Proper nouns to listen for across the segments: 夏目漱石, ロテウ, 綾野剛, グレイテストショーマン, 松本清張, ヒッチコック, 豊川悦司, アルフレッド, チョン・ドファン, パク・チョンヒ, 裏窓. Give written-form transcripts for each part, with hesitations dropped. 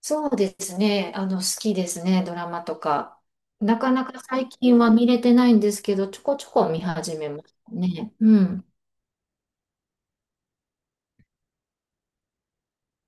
そうですね。好きですね、ドラマとか。なかなか最近は見れてないんですけど、ちょこちょこ見始めましたね。うん。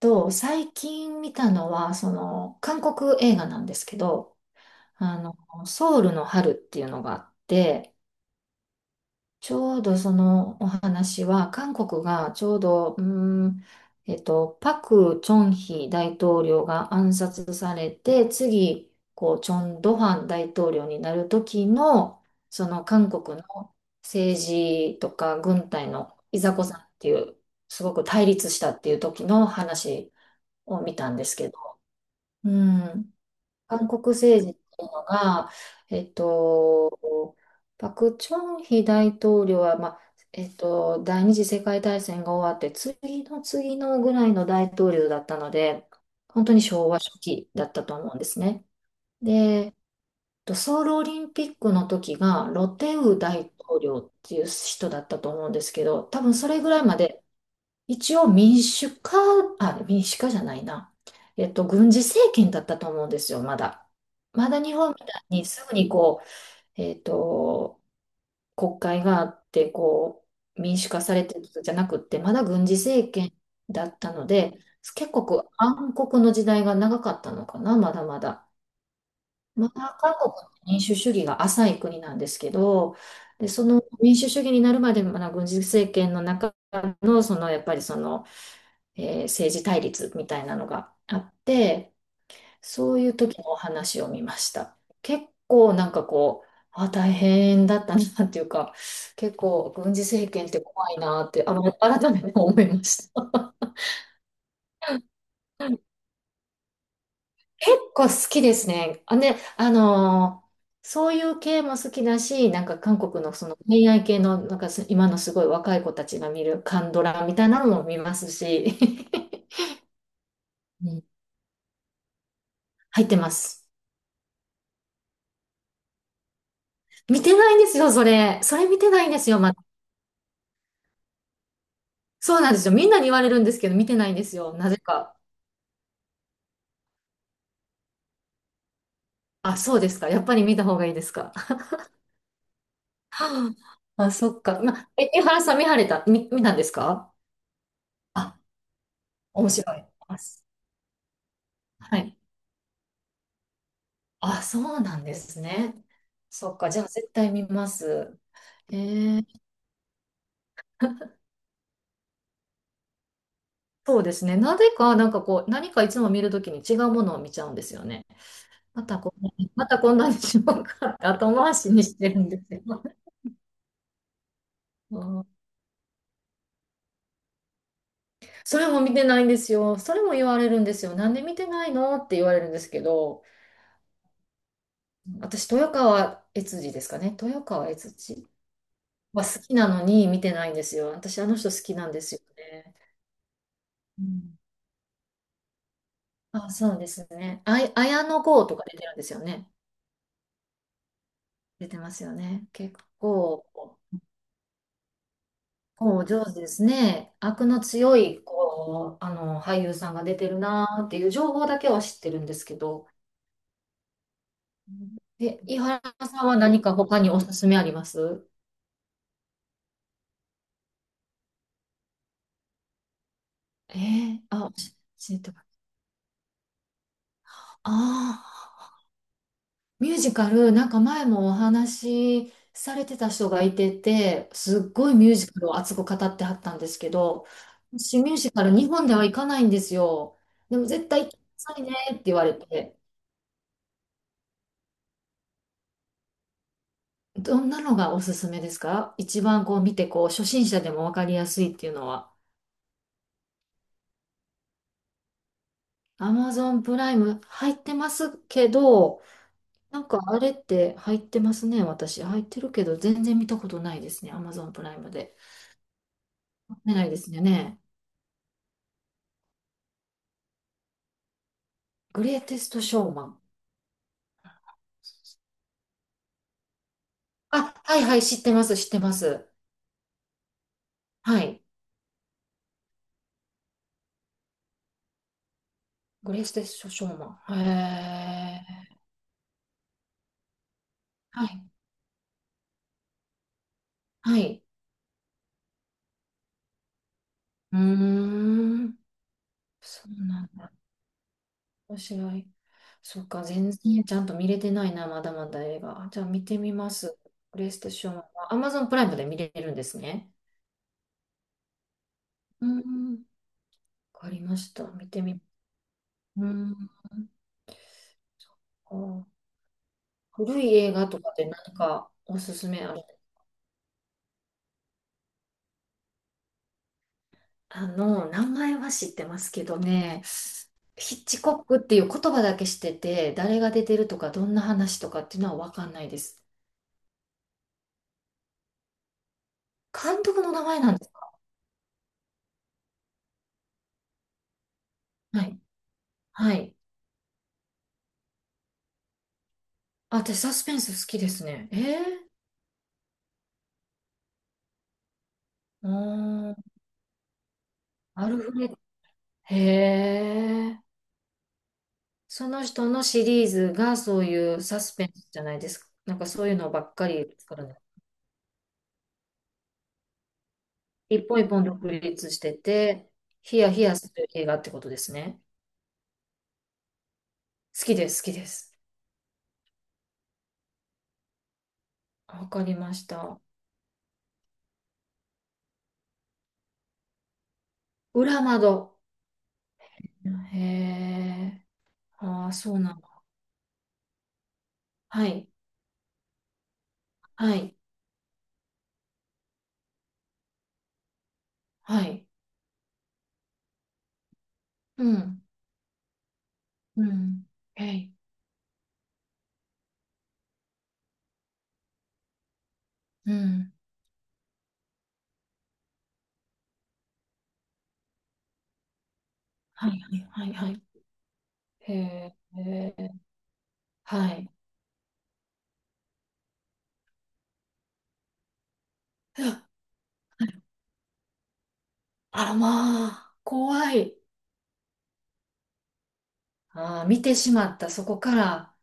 最近見たのは、韓国映画なんですけど、あの、ソウルの春っていうのがあって、ちょうどそのお話は、韓国がちょうど、ん、パク・チョンヒ大統領が暗殺されて、次、こう、チョン・ドファン大統領になる時の、その韓国の政治とか軍隊のいざこざっていう、すごく対立したっていう時の話を見たんですけど、うん。韓国政治っていうのが、えっと、パク・チョンヒ大統領は、第二次世界大戦が終わって、次の次のぐらいの大統領だったので、本当に昭和初期だったと思うんですね。で、ソウルオリンピックの時がロテウ大統領っていう人だったと思うんですけど、多分それぐらいまで一応民主化、あ、民主化じゃないな。軍事政権だったと思うんですよ、まだ。まだ日本みたいにすぐにこう、えっと、国会があって、こう、民主化されてるじゃなくって、まだ軍事政権だったので、結構暗黒の時代が長かったのかな、まだまだ。まだ韓国の民主主義が浅い国なんですけど、で、その民主主義になるまで、まだ軍事政権の中の、そのやっぱりその、政治対立みたいなのがあって、そういう時のお話を見ました。結構なんかこう、あ、大変だったなっていうか、結構軍事政権って怖いなって、改めて思いました。結構好きですね。あ、ね、そういう系も好きだし、なんか韓国のその恋愛系の、なんかす今のすごい若い子たちが見るカンドラみたいなのも見ますし、うん入ってます。見てないんですよ、それ。それ見てないんですよ、まだ。そうなんですよ。みんなに言われるんですけど、見てないんですよ。なぜか。あ、そうですか。やっぱり見た方がいいですか。はあ、あそっか。江原さん見られた、見、見たんですか？あ、面白い。はい。あ、そうなんですね。そっか。じゃあ、絶対見ます。えー、そうですね。なぜか、なんかこう、何かいつも見るときに違うものを見ちゃうんですよね。またこんなにしようかって後回しにしてるんですよ。うん、それも見てないんですよ。それも言われるんですよ。なんで見てないのって言われるんですけど、私、豊川悦司ですかね。豊川悦司は好きなのに見てないんですよ。私、あの人好きなんですよね。うん、あ、そうですね。綾野剛とか出てるんですよね。出てますよね。結構、こう上手ですね。悪の強い、こう、俳優さんが出てるなーっていう情報だけは知ってるんですけど。え、井原さんは何か他におすすめあります？えー、あ、教えてもらった。ああ、ミュージカル、なんか前もお話しされてた人がいてて、すっごいミュージカルを熱く語ってはったんですけど、私ミュージカル日本では行かないんですよ。でも絶対行ってくださいねって言われて、どんなのがおすすめですか？一番こう見て、こう初心者でもわかりやすいっていうのは。Amazon プライム入ってますけど、なんかあれって入ってますね、私。入ってるけど、全然見たことないですね、Amazon プライムで。見ないですよね。グレイテストショーマン。あ、はいはい、知ってます、知ってます。はい。グレイテストショーマン。へえ。はい。はい。うーん。そうなんだ。面白い。そっか、全然ちゃんと見れてないな、まだまだ映画。じゃあ見てみます。グレイテストショーマンは Amazon プライムで見れるんですね。うん。わかりました。見てみ、うーん。あ、古い映画とかで何かおすすめある？あの、名前は知ってますけどね、ヒッチコックっていう言葉だけ知ってて、誰が出てるとか、どんな話とかっていうのはわかんないです。監督の名前なんですか？はい。はい。あ、私サスペンス好きですね。えー、うーん、アルフレッド。へえ。その人のシリーズがそういうサスペンスじゃないですか。なんかそういうのばっかり作る？一本一本独立してて、ヒヤヒヤする映画ってことですね。好きです、好きです。わかりました。裏窓。へえ。ああ、そうなの。はい、はい、はい。うん、うん。へい、うん。はい、はい、はい、はい。へえ、へー、はい。あらまあ、怖い。ああ、見てしまった、そこから。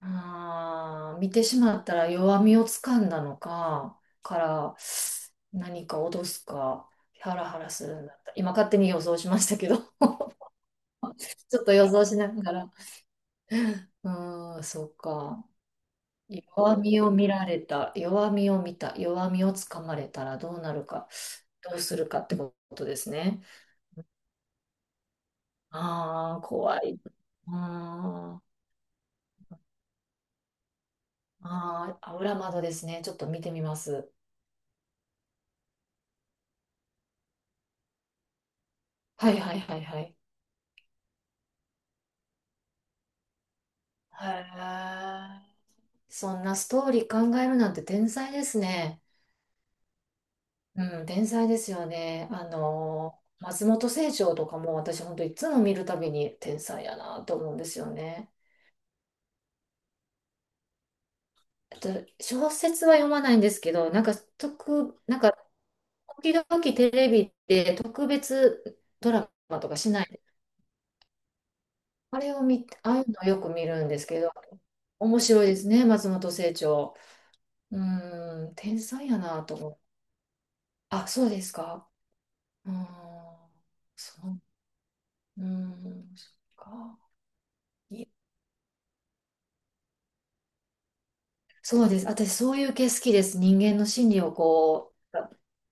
あー見てしまったら弱みをつかんだのか、から何か脅すか、ハラハラするんだった。今勝手に予想しましたけど、ちょっと予想しながら。うーん、そうか。弱みを見られた、弱みを見た、弱みをつかまれたらどうなるか、どうするかってことですね。ああ、怖い。あー、あー、あ裏窓ですね。ちょっと見てみます。はいはいはいはい。へえ。そんなストーリー考えるなんて天才ですね。うん、天才ですよね。松本清張とかも私本当いつも見るたびに天才やなと思うんですよね。あと小説は読まないんですけど、なんか特、なんか時々テレビで特別ドラマとかしないで、あれを見、ああいうのよく見るんですけど、面白いですね、松本清張。うーん、天才やなと思う。あ、そうですか。うーん。そう、うん、そっか。い、そうです。私、そういう系好きです。人間の心理をこう、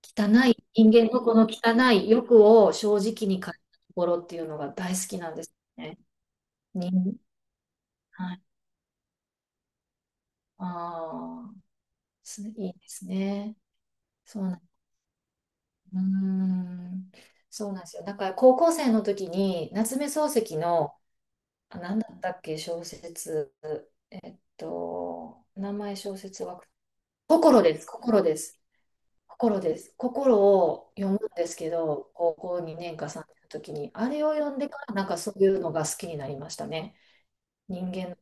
汚い、人間のこの汚い欲を正直に変えたところっていうのが大好きなんですね。人、はい。ああ、すいいですね。そうなん、うーん、そうなんですよ。だから高校生の時に夏目漱石の、あ、何だったっけ、小説、えっと、名前小説は、心です、心です。心です。心を読むんですけど、高校2年か3年の時に、あれを読んでからなんかそういうのが好きになりましたね。人間の、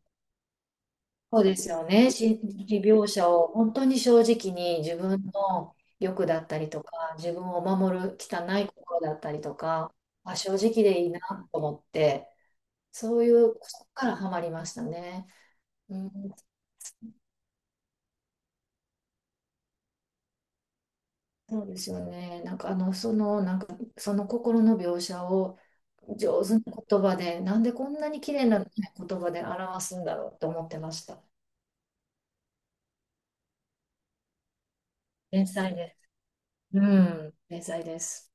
そうですよね。心理描写を本当に正直に自分の欲だったりとか、自分を守る汚い心だったりとか、あ、正直でいいなと思って、そういう、そこからハマりましたね。うん、そうですよね。その心の描写を上手な言葉で、なんでこんなに綺麗な言葉で表すんだろうと思ってました。天才です。うん、天才です。